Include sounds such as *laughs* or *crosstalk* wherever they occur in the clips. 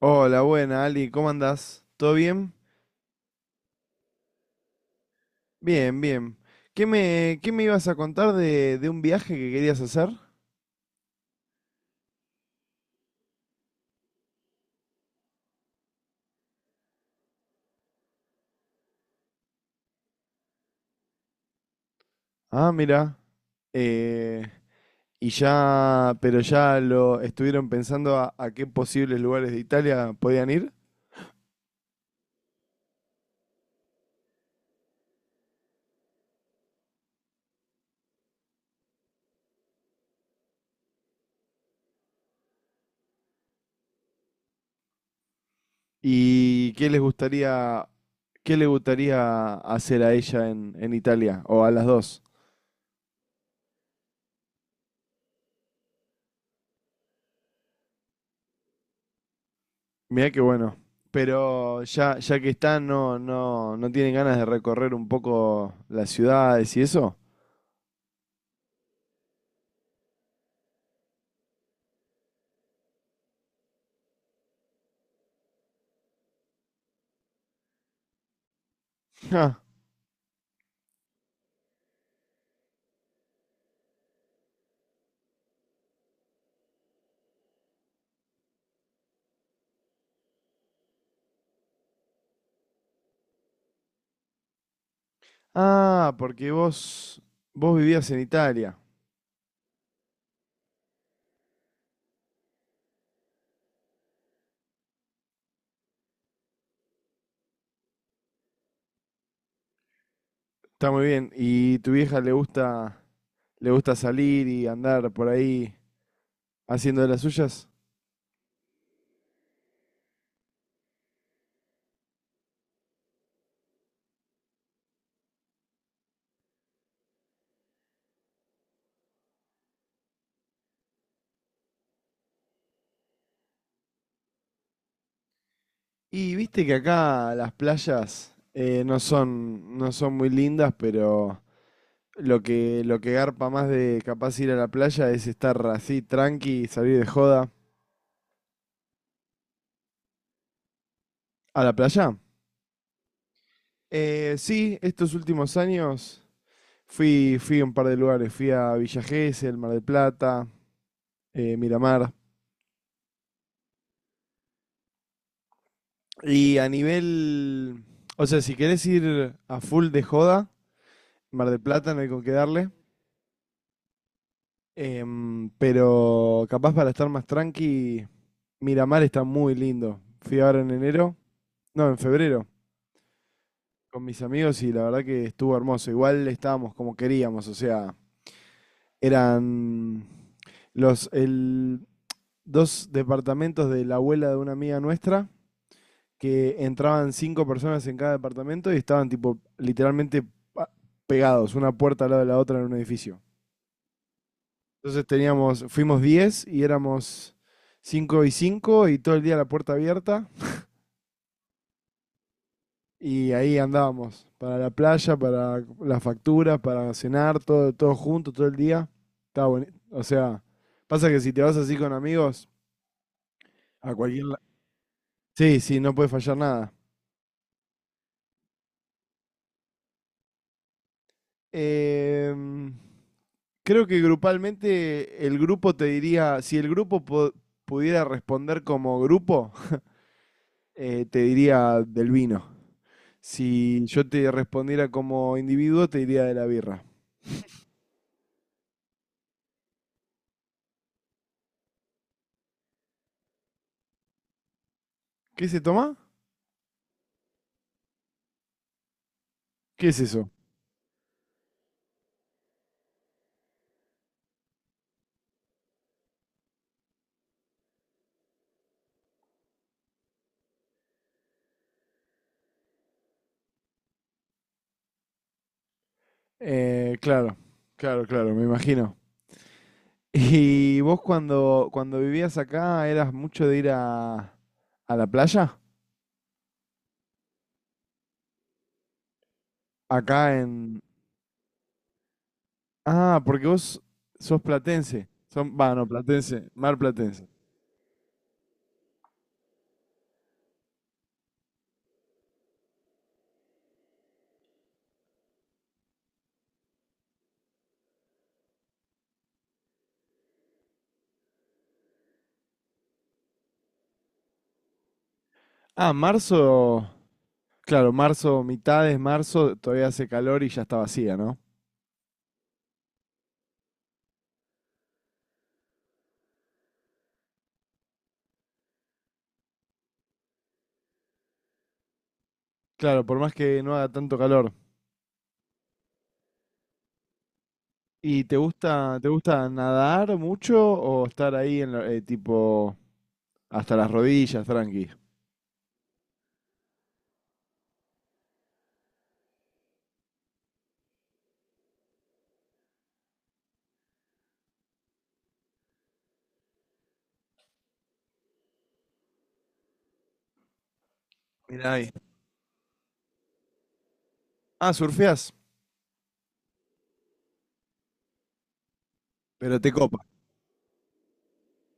Hola, buena, Ali, ¿cómo andás? ¿Todo bien? Bien, bien. ¿Qué me ibas a contar de un viaje que querías hacer? Ah, mira. Eh, y ya, pero ya lo estuvieron pensando a qué posibles lugares de Italia podían ir y qué les gustaría, qué le gustaría hacer a ella en Italia o a las dos. Mirá qué bueno. Pero ya, ya que están, no, no, no tienen ganas de recorrer un poco las ciudades y eso. Ja. Ah, porque vos, vos vivías en Italia. Está muy bien. ¿Y tu vieja le gusta salir y andar por ahí haciendo de las suyas? Y viste que acá las playas no son, no son muy lindas, pero lo que garpa más de capaz ir a la playa es estar así tranqui, salir de joda. ¿A la playa? Sí, estos últimos años fui, fui a un par de lugares. Fui a Villa Gesell, Mar del Plata, Miramar. Y a nivel, o sea, si querés ir a full de joda, Mar del Plata no hay con qué darle. Pero capaz para estar más tranqui, Miramar está muy lindo. Fui ahora en enero, no, en febrero, con mis amigos y la verdad que estuvo hermoso. Igual estábamos como queríamos, o sea, eran los el, dos departamentos de la abuela de una amiga nuestra que entraban 5 personas en cada departamento y estaban tipo literalmente pa- pegados, una puerta al lado de la otra en un edificio. Entonces teníamos, fuimos 10 y éramos 5 y 5 y todo el día la puerta abierta y ahí andábamos, para la playa, para las facturas, para cenar, todo, todo junto, todo el día. Estaba bueno. O sea, pasa que si te vas así con amigos, a cualquier... Sí, sí, no puede fallar nada. Em, Creo que grupalmente el grupo te diría, si el grupo pudiera responder como grupo, te diría del vino. Si yo te respondiera como individuo, te diría de la birra. ¿Qué se toma? ¿Qué es eso? Claro, claro, claro, me imagino. *laughs* ¿Y vos cuando, cuando vivías acá eras mucho de ir a la playa? Acá en... Ah, porque vos sos platense. Son, va, no, platense, mar platense. Ah, marzo... Claro, marzo, mitades, marzo, todavía hace calor y ya está vacía, ¿no? Claro, por más que no haga tanto calor. ¿Y te gusta nadar mucho o estar ahí en tipo hasta las rodillas, tranqui? Mirá ahí. Ah, surfeás, pero te copa.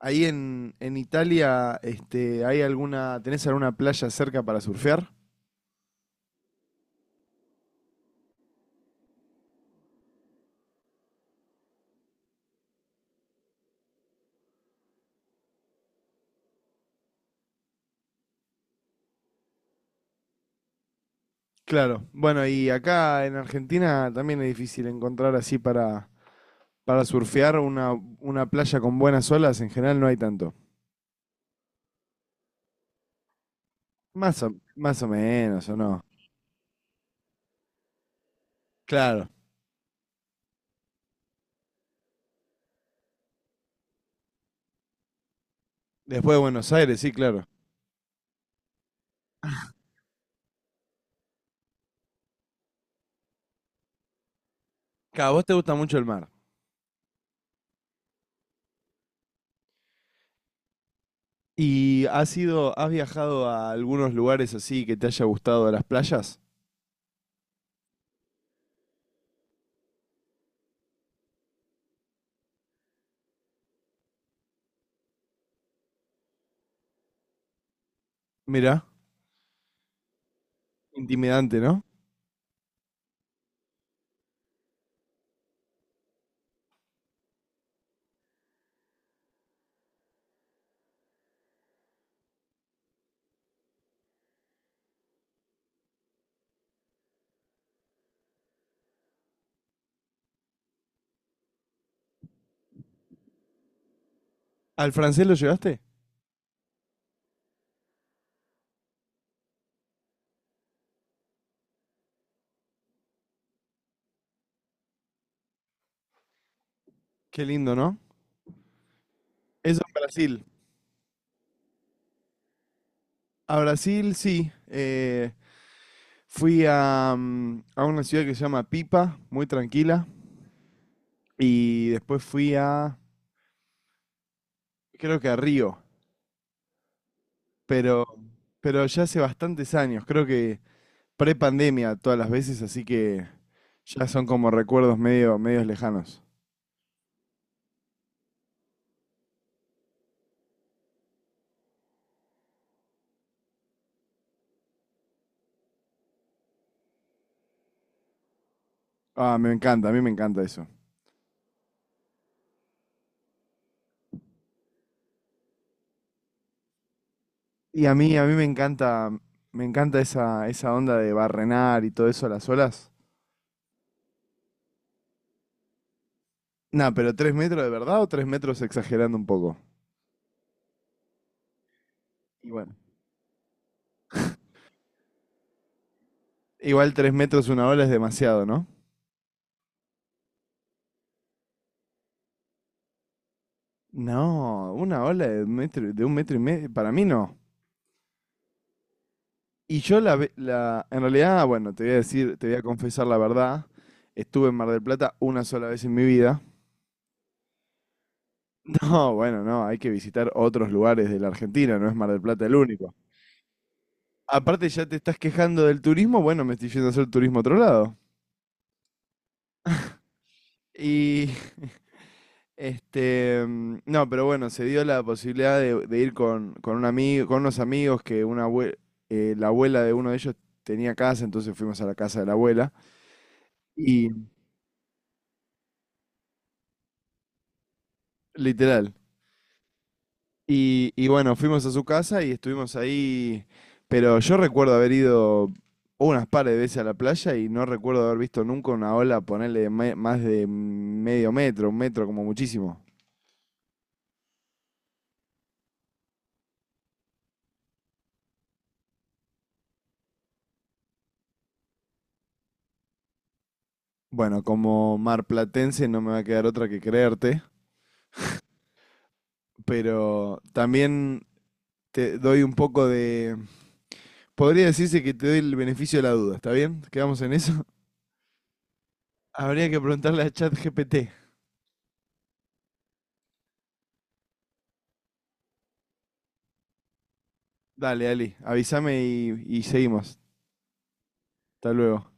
Ahí en Italia, este, ¿hay alguna, tenés alguna playa cerca para surfear? Claro. Bueno, y acá en Argentina también es difícil encontrar así para surfear una playa con buenas olas, en general no hay tanto. Más o, más o menos, ¿o no? Claro. Después de Buenos Aires, sí, claro. Claro, a vos te gusta mucho el mar. ¿Y has ido, has viajado a algunos lugares así que te haya gustado a las playas? Mirá, intimidante, ¿no? ¿Al francés lo llevaste? Qué lindo, ¿no? Eso en Brasil. A Brasil, sí. Fui a, a una ciudad que se llama Pipa, muy tranquila. Y después fui a, creo que a Río, pero, pero ya hace bastantes años, creo que pre-pandemia todas las veces, así que ya son como recuerdos medio, medios lejanos. Ah, me encanta, a mí me encanta eso. Y a mí me encanta esa, esa onda de barrenar y todo eso a las olas. Nah, pero 3 metros de verdad o 3 metros exagerando un poco. Y bueno, igual 3 metros una ola es demasiado, ¿no? No, una ola de, de un metro y medio, para mí no. Y yo la, en realidad, bueno, te voy a decir, te voy a confesar la verdad, estuve en Mar del Plata una sola vez en mi vida. No, bueno, no, hay que visitar otros lugares de la Argentina, no es Mar del Plata el único. Aparte ya te estás quejando del turismo, bueno, me estoy yendo a hacer turismo a otro lado. Y *laughs* este, no, pero bueno, se dio la posibilidad de ir con un amigo, con unos amigos que una la abuela de uno de ellos tenía casa, entonces fuimos a la casa de la abuela y literal. Y bueno, fuimos a su casa y estuvimos ahí, pero yo recuerdo haber ido unas par de veces a la playa y no recuerdo haber visto nunca una ola ponerle más de medio metro, un metro como muchísimo. Bueno, como marplatense no me va a quedar otra que creerte, pero también te doy un poco de... Podría decirse que te doy el beneficio de la duda, ¿está bien? ¿Quedamos en eso? *laughs* Habría que preguntarle a ChatGPT. Dale, Ali, avísame y seguimos. Hasta luego.